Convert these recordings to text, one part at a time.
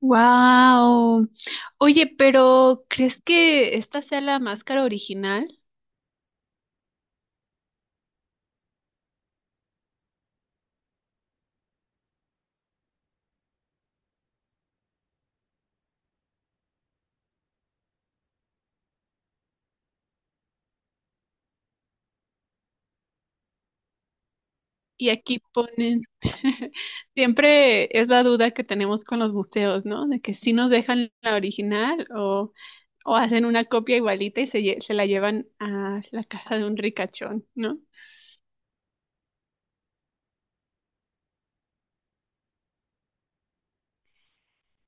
Wow. Oye, pero ¿crees que esta sea la máscara original? Y aquí ponen, siempre es la duda que tenemos con los museos, ¿no? De que si nos dejan la original o hacen una copia igualita y se, se la llevan a la casa de un ricachón, ¿no?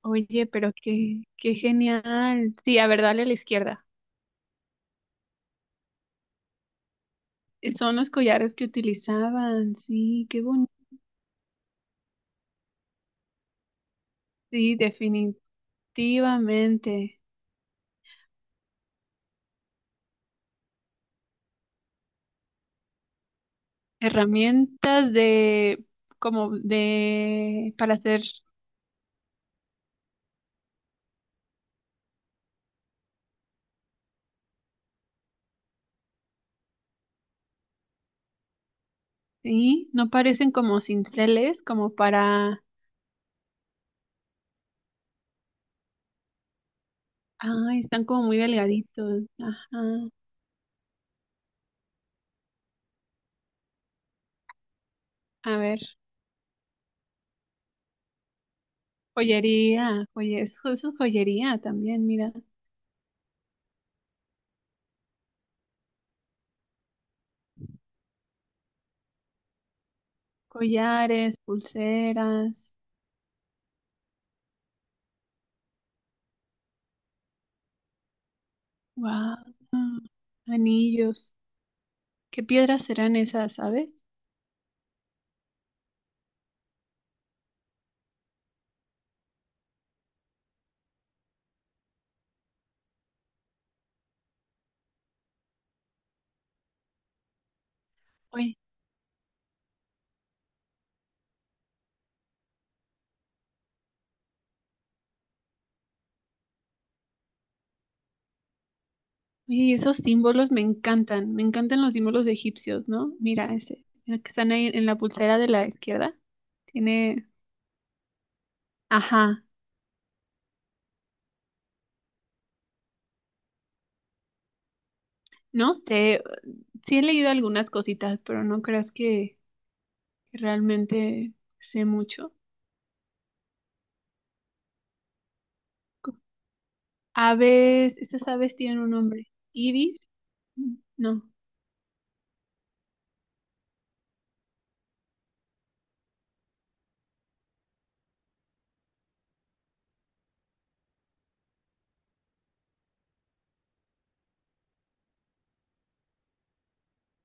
Oye, pero qué, qué genial. Sí, a ver, dale a la izquierda. Son los collares que utilizaban, sí, qué bonito. Sí, definitivamente. Herramientas de, como de, para hacer, sí, no parecen como cinceles, como para, ay, están como muy delgaditos, ajá, a ver, joyería, eso es joyería también, mira, collares, pulseras, wow, anillos, ¿qué piedras serán esas, sabes? Oye, oye, esos símbolos me encantan los símbolos egipcios, ¿no? Mira ese, el que están ahí en la pulsera de la izquierda, tiene... Ajá, no sé, sí he leído algunas cositas, pero no creas que realmente sé mucho. Co- Aves, estas aves tienen un nombre. Ibis, mm, no,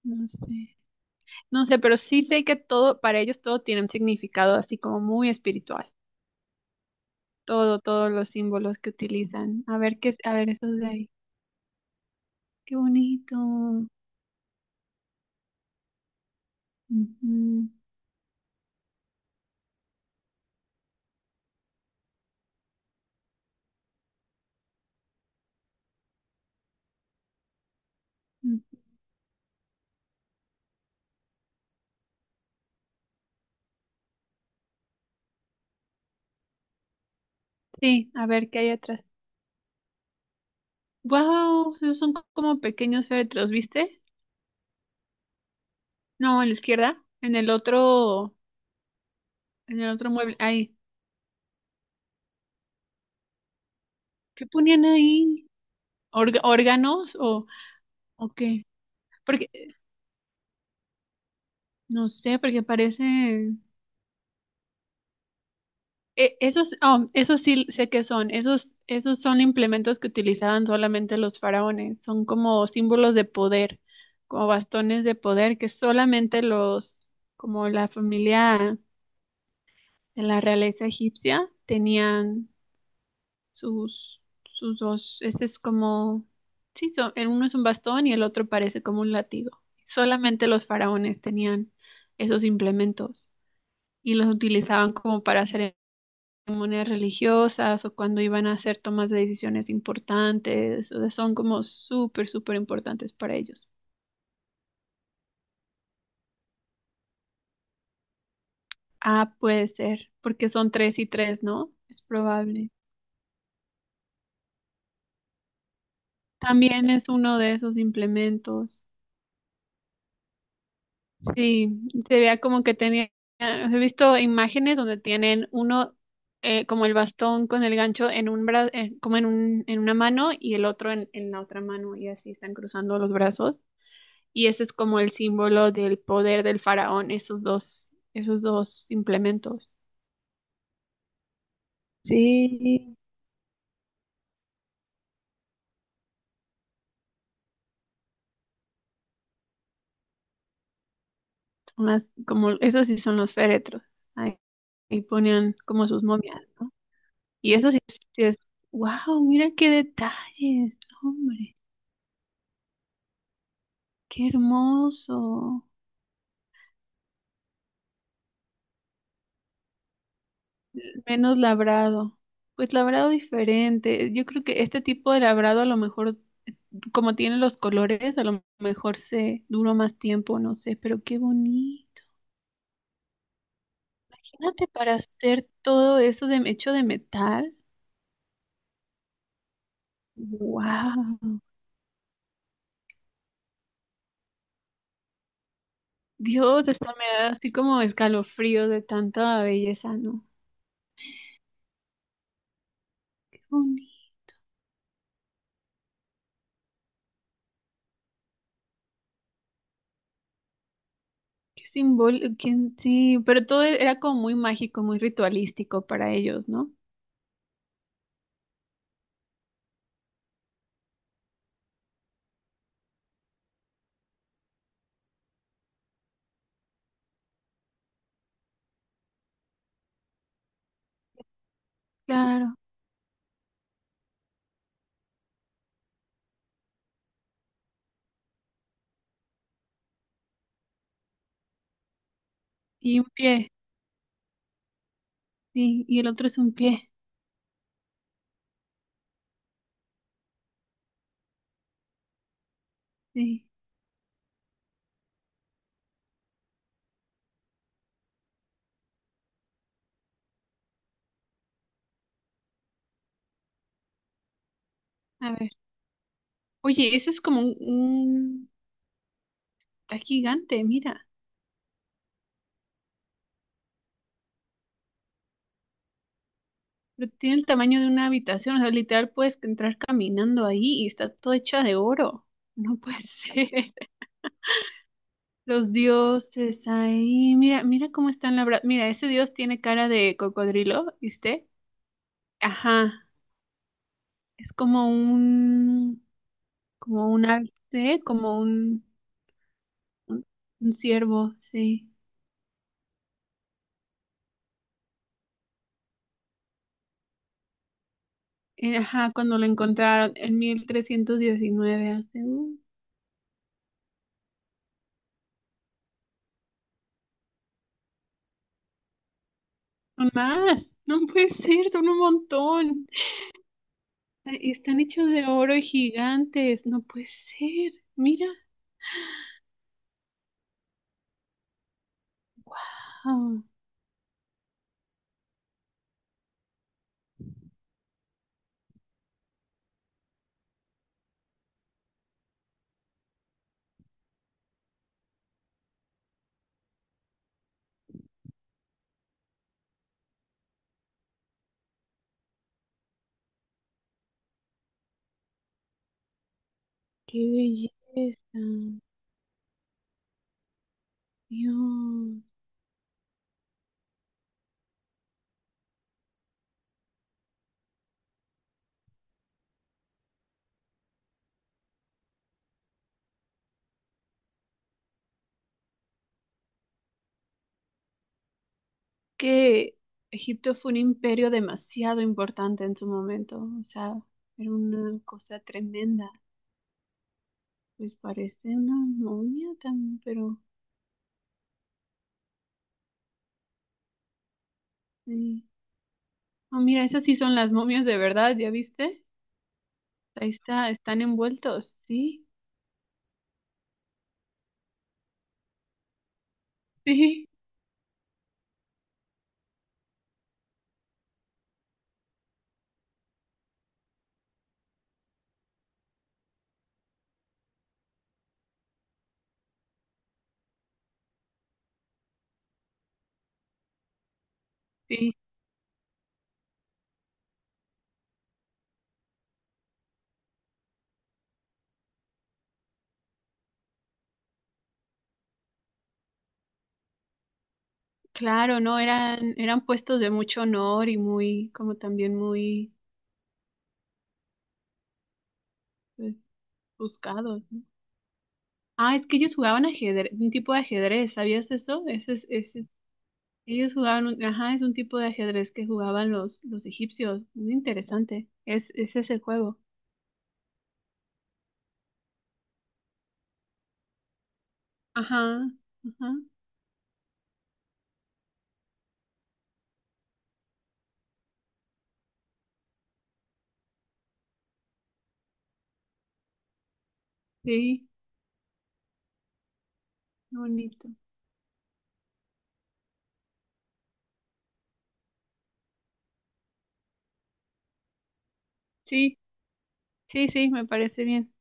no sé. No sé, pero sí sé que todo, para ellos todo tiene un significado así como muy espiritual. Todo, todos los símbolos que utilizan. A ver qué, a ver esos de ahí. Qué bonito. Ujú, mm. Sí, a ver qué hay atrás. Wow, esos son como pequeños féretros, ¿viste? No, en la izquierda, en el otro mueble. Ahí. ¿Qué ponían ahí? ¿Órganos o qué? Porque, no sé, porque parecen... esos, oh, esos sí sé qué son. Esos, esos son implementos que utilizaban solamente los faraones. Son como símbolos de poder, como bastones de poder que solamente los, como la familia de la realeza egipcia, tenían sus, sus dos, este es como, sí, el uno es un bastón y el otro parece como un látigo. Solamente los faraones tenían esos implementos y los utilizaban como para ceremonias religiosas o cuando iban a hacer tomas de decisiones importantes, o sea, son como súper, súper importantes para ellos. Ah, puede ser, porque son tres y tres, ¿no? Es probable. También es uno de esos implementos. Sí, se veía como que tenía, he visto imágenes donde tienen uno como el bastón con el gancho en un como en un, en una mano y el otro en la otra mano y así están cruzando los brazos. Y ese es como el símbolo del poder del faraón, esos dos implementos. Sí, más como, esos sí son los féretros. Ahí, ahí ponían como sus momias, ¿no? Y eso sí es, wow, mira qué detalles, hombre. Qué hermoso. Menos labrado. Pues labrado diferente. Yo creo que este tipo de labrado a lo mejor, como tiene los colores, a lo mejor se duró más tiempo, no sé, pero qué bonito. Imagínate para hacer todo eso de hecho de metal. Wow. Dios, hasta me da así como escalofrío de tanta belleza, ¿no? Qué bonito. Qué simbólico, sí, pero todo era como muy mágico, muy ritualístico para ellos, ¿no? Claro. Y un pie. Sí, y el otro es un pie. Sí, a ver. Oye, ese es como un- está gigante, mira. Pero tiene el tamaño de una habitación. O sea, literal puedes entrar caminando ahí y está todo hecha de oro. No puede ser. Los dioses ahí. Mira, mira cómo están labrados. Mira, ese dios tiene cara de cocodrilo, ¿viste? Ajá. Es como un... Como un alce, como un... Un un ciervo, sí. Ajá, cuando lo encontraron en 1319 hace un más. No puede ser, son un montón. Están hechos de oro y gigantes. No puede ser. Mira. Ah, qué belleza. Dios. Que Egipto fue un imperio demasiado importante en su momento. O sea, era una cosa tremenda. Pues parece una momia también, pero sí. Oh mira, esas sí son las momias de verdad, ¿ya viste? Ahí está, están envueltos, sí, sí, sí, claro, no, eran, eran puestos de mucho honor y muy, como también muy, pues, buscados, ¿no? Ah, es que ellos jugaban ajedrez, un tipo de ajedrez, ¿sabías eso? Ese es- ellos jugaban, ajá, es un tipo de ajedrez que jugaban los egipcios, muy interesante, es, ese es el juego, ajá, ajá, sí, qué bonito, sí, sí, sí, me parece bien.